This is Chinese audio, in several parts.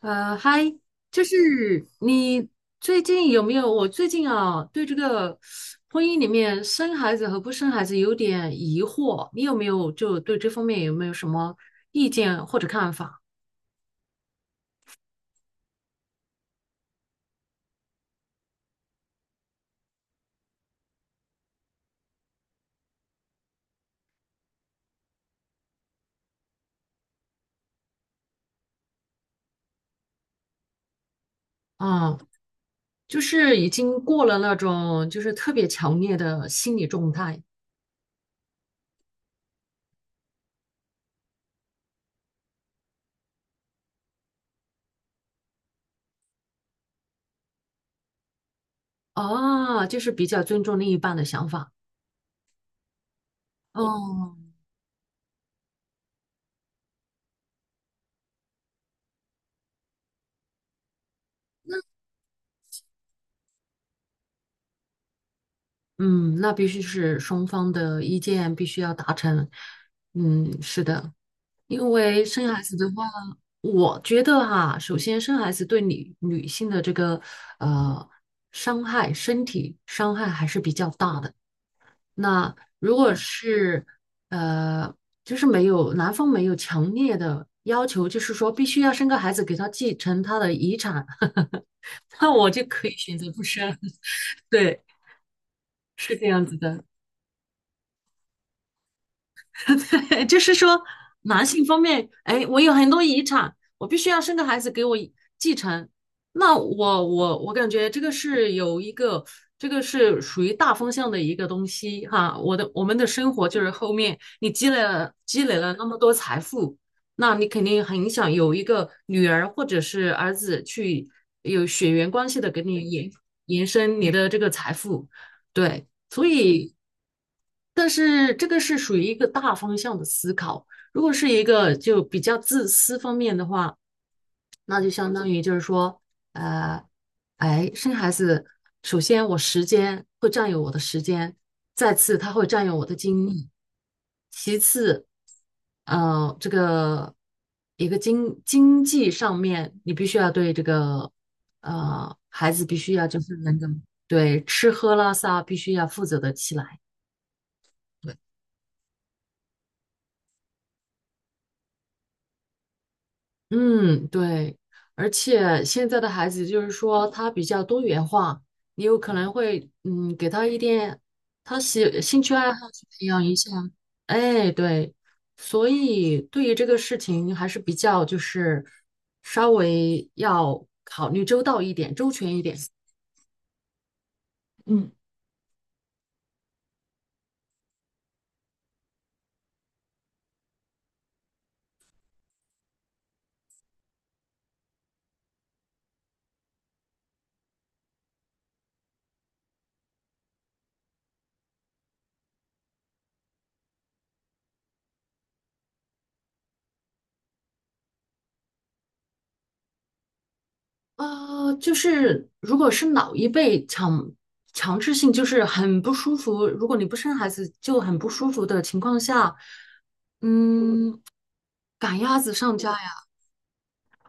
嗨，就是你最近有没有？我最近啊，对这个婚姻里面生孩子和不生孩子有点疑惑，你有没有对这方面有没有什么意见或者看法？啊，就是已经过了那种就是特别强烈的心理状态。啊，就是比较尊重另一半的想法。哦，嗯，那必须是双方的意见必须要达成。嗯，是的。因为生孩子的话，我觉得哈，首先生孩子对女性的这个呃伤害，身体伤害还是比较大的。那如果是呃，就是没有男方没有强烈的要求，就是说必须要生个孩子给他继承他的遗产，那我就可以选择不生。对，是这样子的。对，就是说男性方面，哎，我有很多遗产，我必须要生个孩子给我继承。那我感觉这个是有一个，这个是属于大方向的一个东西哈。我们的生活就是后面你积累了那么多财富，那你肯定很想有一个女儿或者是儿子去有血缘关系的给你延伸你的这个财富，对。所以，但是这个是属于一个大方向的思考。如果是一个就比较自私方面的话，那就相当于就是说，呃，哎，生孩子，首先我时间会占有我的时间，再次它会占用我的精力，其次，这个一个经济上面，你必须要对这个孩子必须要就是能够对吃喝拉撒必须要负责得起来。嗯，对，而且现在的孩子就是说他比较多元化，你有可能会嗯给他一点他兴趣爱好去培养一下，哎，对，所以对于这个事情还是比较就是稍微要考虑周到一点、周全一点。嗯就是如果是老一辈强制性，就是很不舒服。如果你不生孩子，就很不舒服的情况下，嗯，赶鸭子上架呀！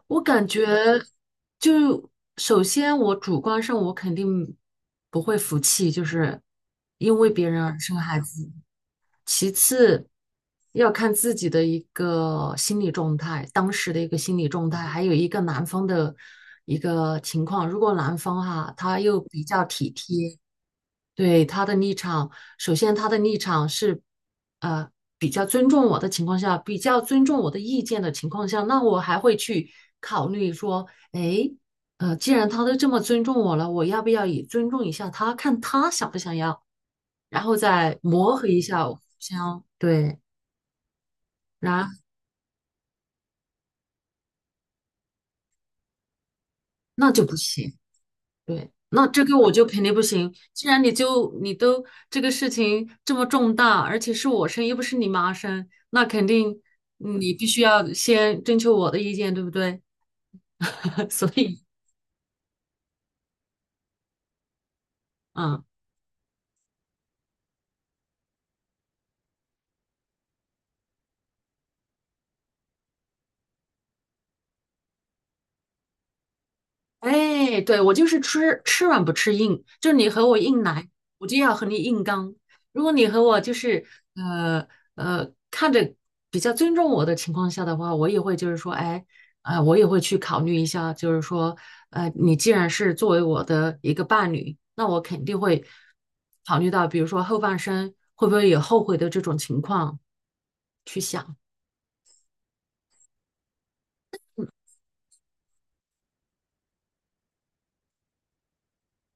我感觉就首先我主观上我肯定不会服气，就是因为别人而生孩子。其次要看自己的一个心理状态，当时的一个心理状态，还有一个男方的一个情况。如果男方哈、他又比较体贴，对他的立场，首先他的立场是，呃，比较尊重我的情况下，比较尊重我的意见的情况下，那我还会去考虑说，哎，既然他都这么尊重我了，我要不要也尊重一下他，看他想不想要，然后再磨合一下，互相对，然那就不行。对，那这个我就肯定不行。既然你都这个事情这么重大，而且是我生，又不是你妈生，那肯定你必须要先征求我的意见，对不对？所以，嗯。哎，对，我就是吃软不吃硬，就你和我硬来，我就要和你硬刚。如果你和我就是呃看着比较尊重我的情况下的话，我也会就是说，哎，我也会去考虑一下，就是说，你既然是作为我的一个伴侣，那我肯定会考虑到，比如说后半生会不会有后悔的这种情况去想。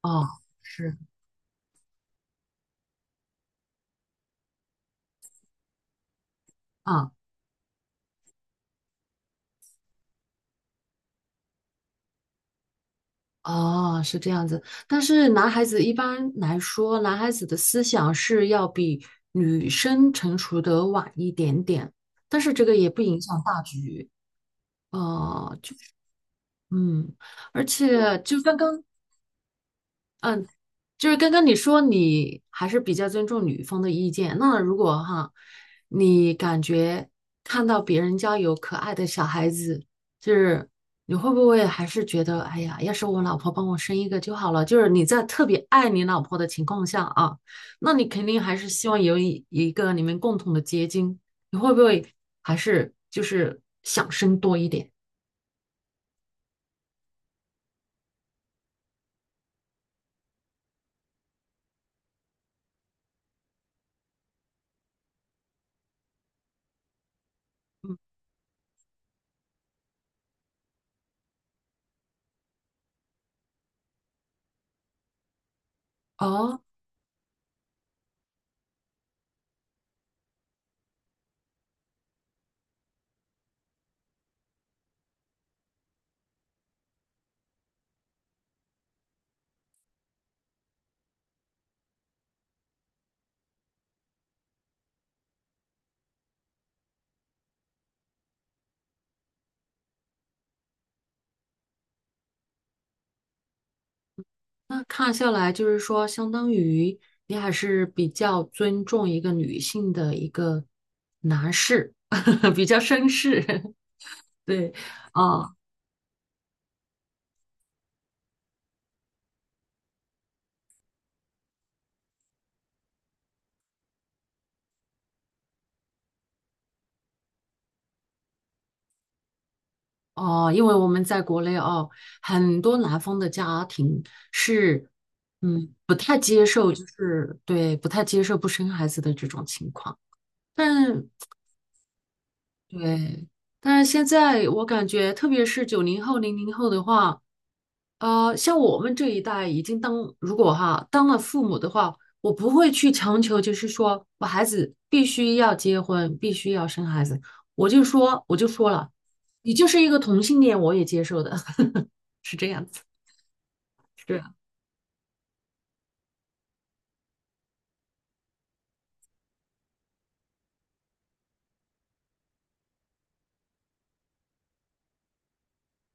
哦，是啊。哦，是这样子。但是男孩子一般来说，男孩子的思想是要比女生成熟的晚一点点，但是这个也不影响大局。呃，就嗯，而且就是刚刚你说你还是比较尊重女方的意见，那如果哈，你感觉看到别人家有可爱的小孩子，就是你会不会还是觉得，哎呀，要是我老婆帮我生一个就好了？就是你在特别爱你老婆的情况下啊，那你肯定还是希望有一个你们共同的结晶，你会不会还是就是想生多一点？嗯，哦，那看下来，就是说，相当于你还是比较尊重一个女性的一个男士，比较绅士。对，啊、哦，因为我们在国内哦，很多南方的家庭是，嗯，不太接受，就是对，不太接受不生孩子的这种情况。但对，但是现在我感觉，特别是九零后、零零后的话。呃，像我们这一代已经当，如果哈当了父母的话，我不会去强求，就是说我孩子必须要结婚，必须要生孩子。我就说了，你就是一个同性恋，我也接受的，是这样子。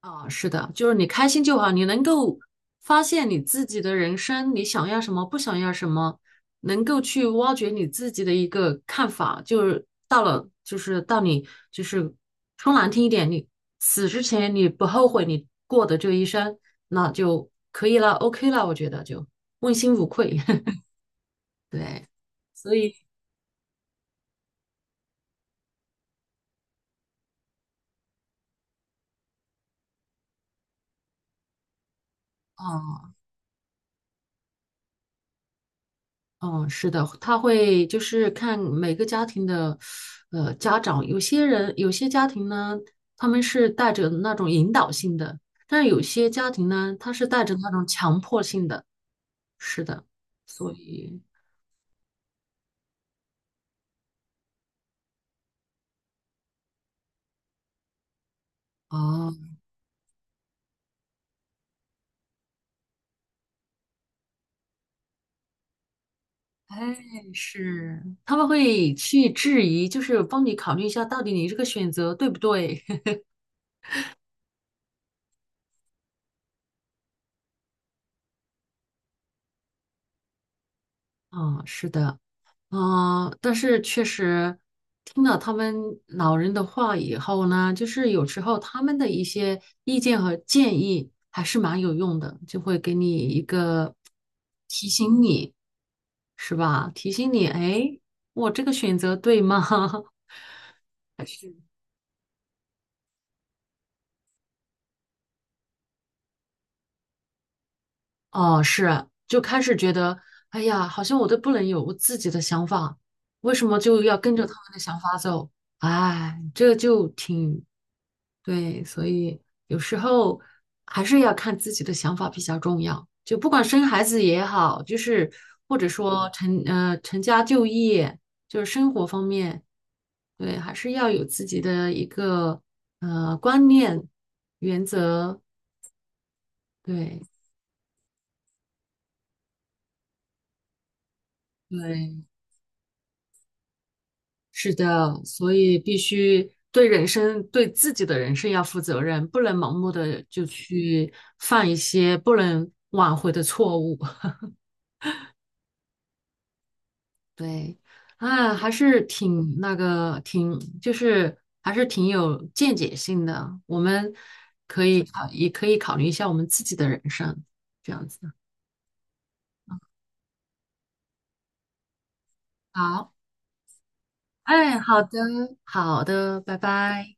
啊，是的，就是你开心就好，你能够发现你自己的人生，你想要什么，不想要什么，能够去挖掘你自己的一个看法，就是到了，就是到你，就是说难听一点，你死之前你不后悔你过的这一生，那就可以了，OK 了，我觉得就问心无愧。对，所以，啊。嗯，是的，他会就是看每个家庭的，呃，家长，有些家庭呢，他们是带着那种引导性的，但是有些家庭呢，他是带着那种强迫性的，是的，所以哦，哎，是，他们会去质疑，就是帮你考虑一下，到底你这个选择对不对？嗯，是的。嗯，但是确实听了他们老人的话以后呢，就是有时候他们的一些意见和建议还是蛮有用的，就会给你一个提醒你，是吧？提醒你，哎，我这个选择对吗？是。还是哦，是，就开始觉得，哎呀，好像我都不能有我自己的想法，为什么就要跟着他们的想法走？哎，这就挺对，所以有时候还是要看自己的想法比较重要。就不管生孩子也好，就是或者说呃成家就业，就是生活方面，对，还是要有自己的一个观念、原则，对对。是的，所以必须对人生、对自己的人生要负责任，不能盲目的就去犯一些不能挽回的错误。对，啊，还是挺那个，挺就是还是挺有见解性的。我们可以考虑一下我们自己的人生，这样子。好，哎，好的，好的，拜拜。